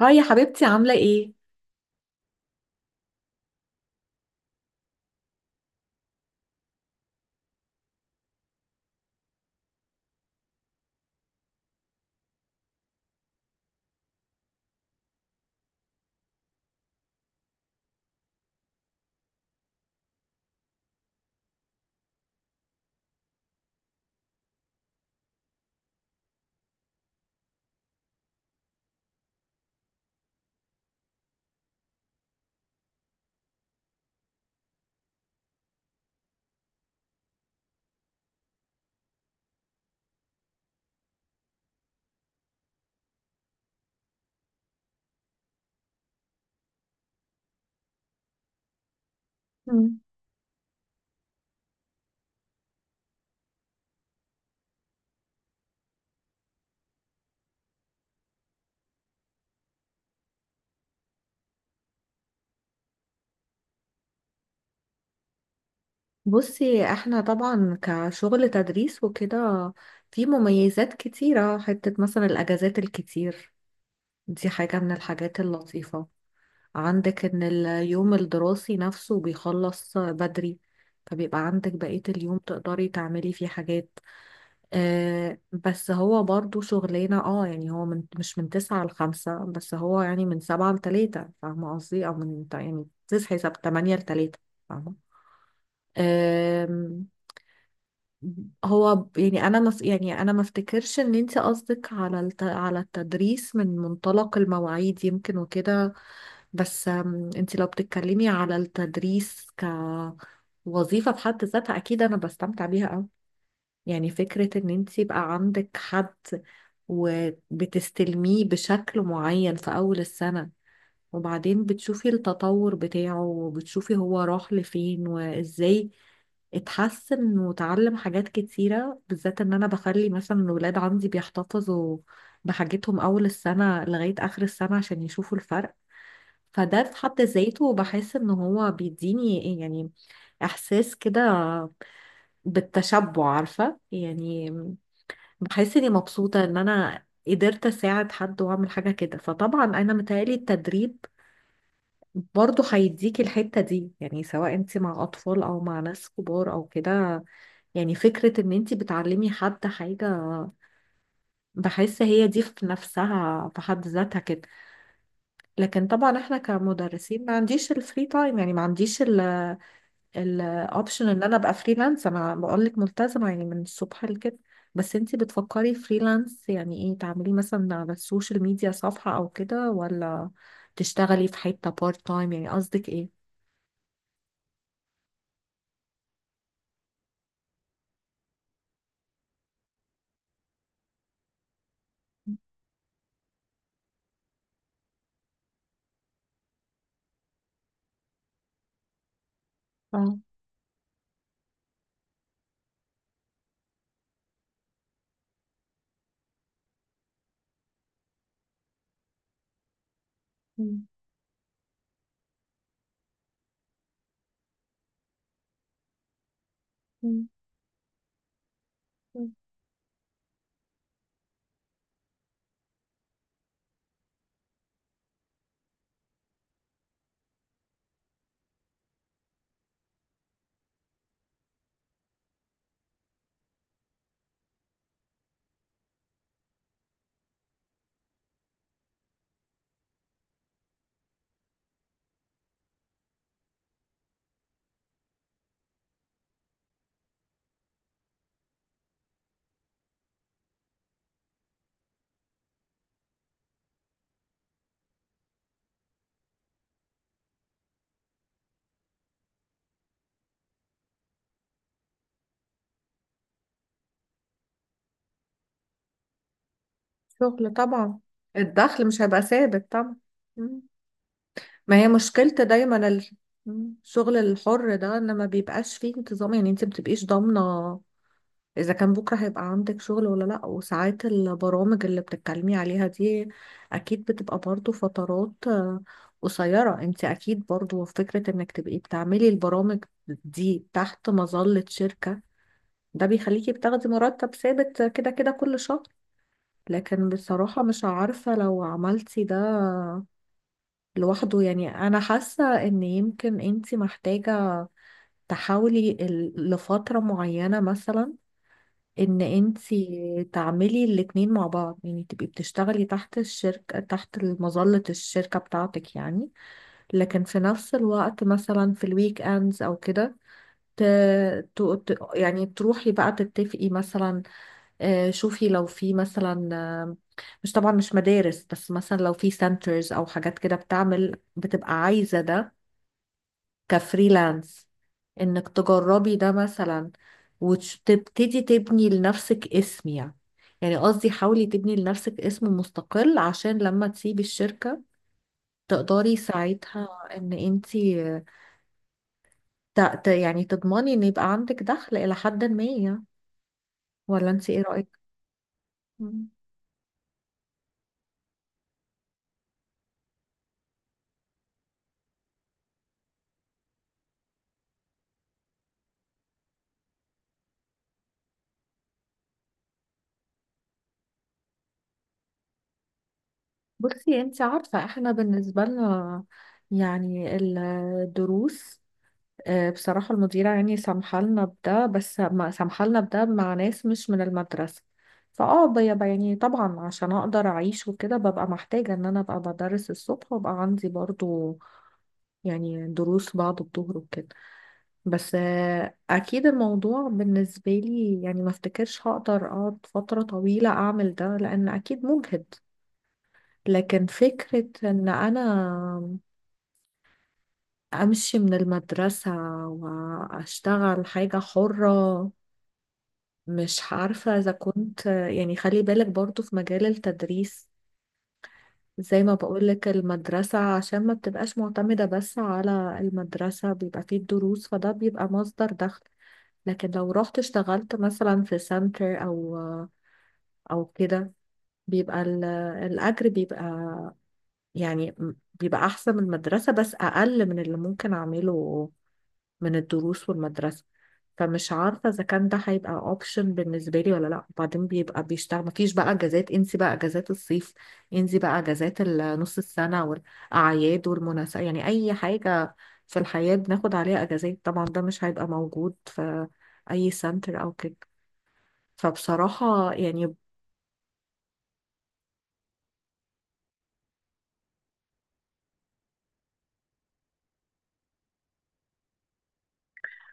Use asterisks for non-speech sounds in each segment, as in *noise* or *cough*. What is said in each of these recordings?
هاي يا حبيبتي، عاملة ايه؟ مم. بصي، احنا طبعا كشغل تدريس وكده في مميزات كتيرة، حتة مثلا الأجازات الكتير دي حاجة من الحاجات اللطيفة. عندك ان اليوم الدراسي نفسه بيخلص بدري، فبيبقى عندك بقية اليوم تقدري تعملي فيه حاجات. بس هو برضو شغلانة، يعني هو من مش من تسعة لخمسة، بس هو يعني من سبعة لتلاتة، فاهمة قصدي؟ أو من يعني تصحي تمانية لتلاتة، فاهمة؟ أم، هو يعني انا مف يعني انا ما افتكرش ان انت قصدك على التدريس من منطلق المواعيد يمكن وكده. بس انت لو بتتكلمي على التدريس كوظيفة في حد ذاتها، اكيد انا بستمتع بيها قوي. يعني فكرة ان انت يبقى عندك حد وبتستلميه بشكل معين في اول السنة، وبعدين بتشوفي التطور بتاعه وبتشوفي هو راح لفين وازاي اتحسن وتعلم حاجات كتيرة، بالذات ان انا بخلي مثلا الولاد عندي بيحتفظوا بحاجتهم اول السنة لغاية اخر السنة عشان يشوفوا الفرق. فده في حد ذاته بحس ان هو بيديني يعني احساس كده بالتشبع، عارفة يعني. بحس اني مبسوطة ان انا قدرت اساعد حد واعمل حاجة كده، فطبعا انا متهيألي التدريب برضه هيديكي الحتة دي، يعني سواء انت مع اطفال او مع ناس كبار او كده. يعني فكرة ان انت بتعلمي حد حاجة، بحس هي دي في نفسها في حد ذاتها كده. لكن طبعا احنا كمدرسين ما عنديش الفري تايم، يعني ما عنديش الاوبشن ان انا ابقى فريلانس، انا بقولك ملتزمة يعني من الصبح لكده. بس انت بتفكري فريلانس يعني ايه؟ تعملي مثلا على السوشيال ميديا صفحة او كده، ولا تشتغلي في حتة بارت تايم؟ يعني قصدك ايه؟ اه. مم. مم. شغل طبعا، الدخل مش هيبقى ثابت طبعا. مم. ما هي مشكلة دايما مم. الشغل الحر ده ان ما بيبقاش فيه انتظام، يعني انت ما بتبقيش ضامنة اذا كان بكرة هيبقى عندك شغل ولا لا. وساعات البرامج اللي بتتكلمي عليها دي اكيد بتبقى برضو فترات قصيرة. انت اكيد برضو فكرة انك تبقي بتعملي البرامج دي تحت مظلة شركة، ده بيخليكي بتاخدي مرتب ثابت كده كده كل شهر. لكن بصراحة مش عارفة لو عملتي ده لوحده يعني، أنا حاسة إن يمكن أنتي محتاجة تحاولي لفترة معينة مثلا، إن أنتي تعملي الاتنين مع بعض، يعني تبقي بتشتغلي تحت الشركة تحت مظلة الشركة بتاعتك يعني. لكن في نفس الوقت مثلا في الويك أندز أو كده ت... يعني تروحي بقى تتفقي مثلا، شوفي لو في مثلا، مش طبعا مش مدارس، بس مثلا لو في سنترز او حاجات كده بتعمل بتبقى عايزة ده كفريلانس، انك تجربي ده مثلا وتبتدي تبني لنفسك اسم. يعني قصدي حاولي تبني لنفسك اسم مستقل عشان لما تسيبي الشركة تقدري ساعتها ان انتي يعني تضمني ان يبقى عندك دخل الى حد ما يعني. ولا انتي ايه رأيك؟ بصي انت عارفة احنا بالنسبة لنا يعني الدروس، بصراحة المديرة يعني سامحة لنا بده بس ما سامحة لنا بده مع ناس مش من المدرسة. بيبقى يعني طبعا عشان اقدر اعيش وكده ببقى محتاجة ان انا ابقى بدرس الصبح، وابقى عندي برضو يعني دروس بعد الظهر وكده. بس اكيد الموضوع بالنسبة لي يعني ما افتكرش هقدر اقعد فترة طويلة اعمل ده لان اكيد مجهد. لكن فكرة إن أنا أمشي من المدرسة وأشتغل حاجة حرة، مش عارفة إذا كنت يعني. خلي بالك برضو في مجال التدريس زي ما بقولك، المدرسة عشان ما بتبقاش معتمدة بس على المدرسة بيبقى فيه الدروس، فده بيبقى مصدر دخل. لكن لو رحت اشتغلت مثلا في سنتر أو كده، بيبقى الأجر بيبقى يعني بيبقى احسن من المدرسة بس اقل من اللي ممكن اعمله من الدروس والمدرسة. فمش عارفة اذا كان ده هيبقى اوبشن بالنسبة لي ولا لا. وبعدين بيبقى بيشتغل مفيش بقى اجازات، انسي بقى اجازات الصيف، انسي بقى اجازات نص السنة والاعياد والمناسبة، يعني اي حاجة في الحياة بناخد عليها اجازات طبعا ده مش هيبقى موجود في اي سنتر او كده. فبصراحة يعني،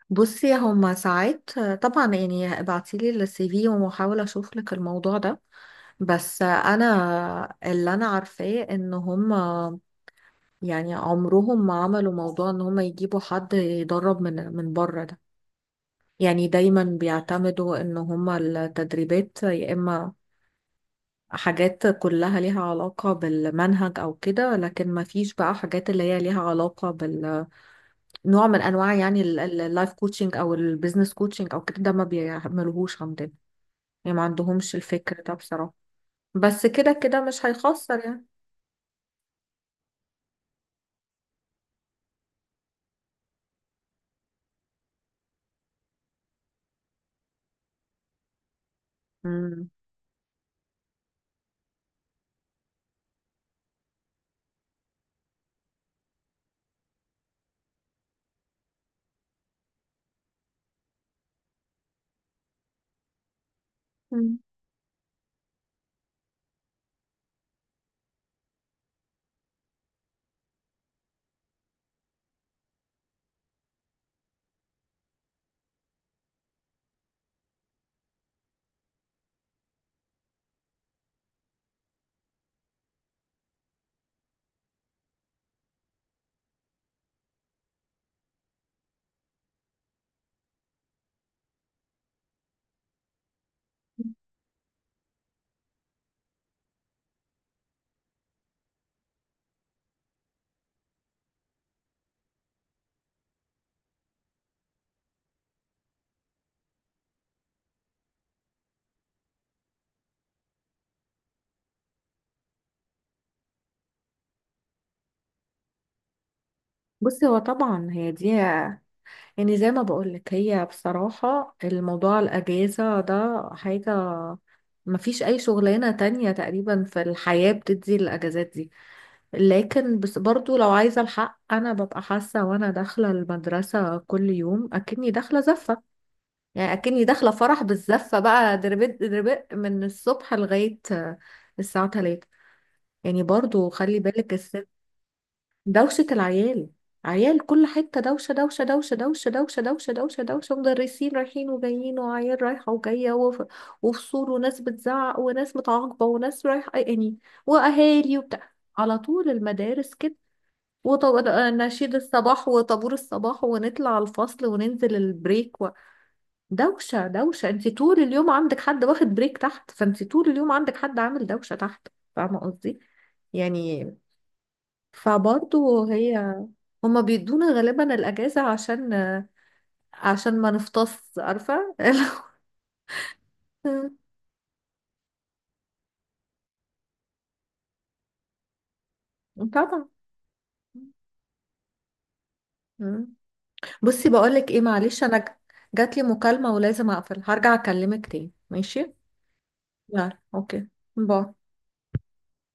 بصي هما ساعات طبعا، يعني ابعتيلي السي في وهحاول اشوف لك الموضوع ده. بس انا اللي انا عارفاه ان هما يعني عمرهم ما عملوا موضوع ان هما يجيبوا حد يدرب من بره ده، يعني دايما بيعتمدوا ان هما التدريبات يا اما حاجات كلها ليها علاقة بالمنهج او كده، لكن ما فيش بقى حاجات اللي هي ليها علاقة بال نوع من انواع يعني اللايف كوتشنج او البيزنس كوتشنج او كده، ده ما بيعملوهوش عندنا. يعني ما عندهمش الفكر ده بصراحة، بس كده كده مش هيخسر يعني. مم. مم. بصي هو طبعا هي دي، يعني زي ما بقولك هي بصراحة الموضوع الأجازة ده حاجة مفيش أي شغلانة تانية تقريبا في الحياة بتدي الأجازات دي. لكن بس برضو لو عايزة الحق، أنا ببقى حاسة وأنا داخلة المدرسة كل يوم أكني داخلة زفة، يعني اكني داخله فرح بالزفه بقى. دربت دربت من الصبح لغايه الساعه 3. يعني برضو خلي بالك الست دوشه العيال. عيال كل حته دوشه دوشه دوشه دوشه دوشه دوشه دوشه دوشه، مدرسين رايحين وجايين وعيال رايحه وجايه وفصول وناس بتزعق وناس متعاقبه وناس رايحه يعني، واهالي وبتاع على طول المدارس كده. ونشيد الصباح وطابور الصباح ونطلع الفصل وننزل البريك، دوشة دوشة. انت طول اليوم عندك حد واخد بريك تحت، فانت طول اليوم عندك حد عامل دوشة تحت. فاهمة قصدي؟ يعني فبرضو هي هما بيدونا غالبا الأجازة عشان ما نفطس، عارفة *laughs* طبعا. مم. بصي بقولك ايه، معلش انا جاتلي مكالمة ولازم اقفل، هرجع اكلمك تاني، ماشي؟ يلا، اوكي، باي.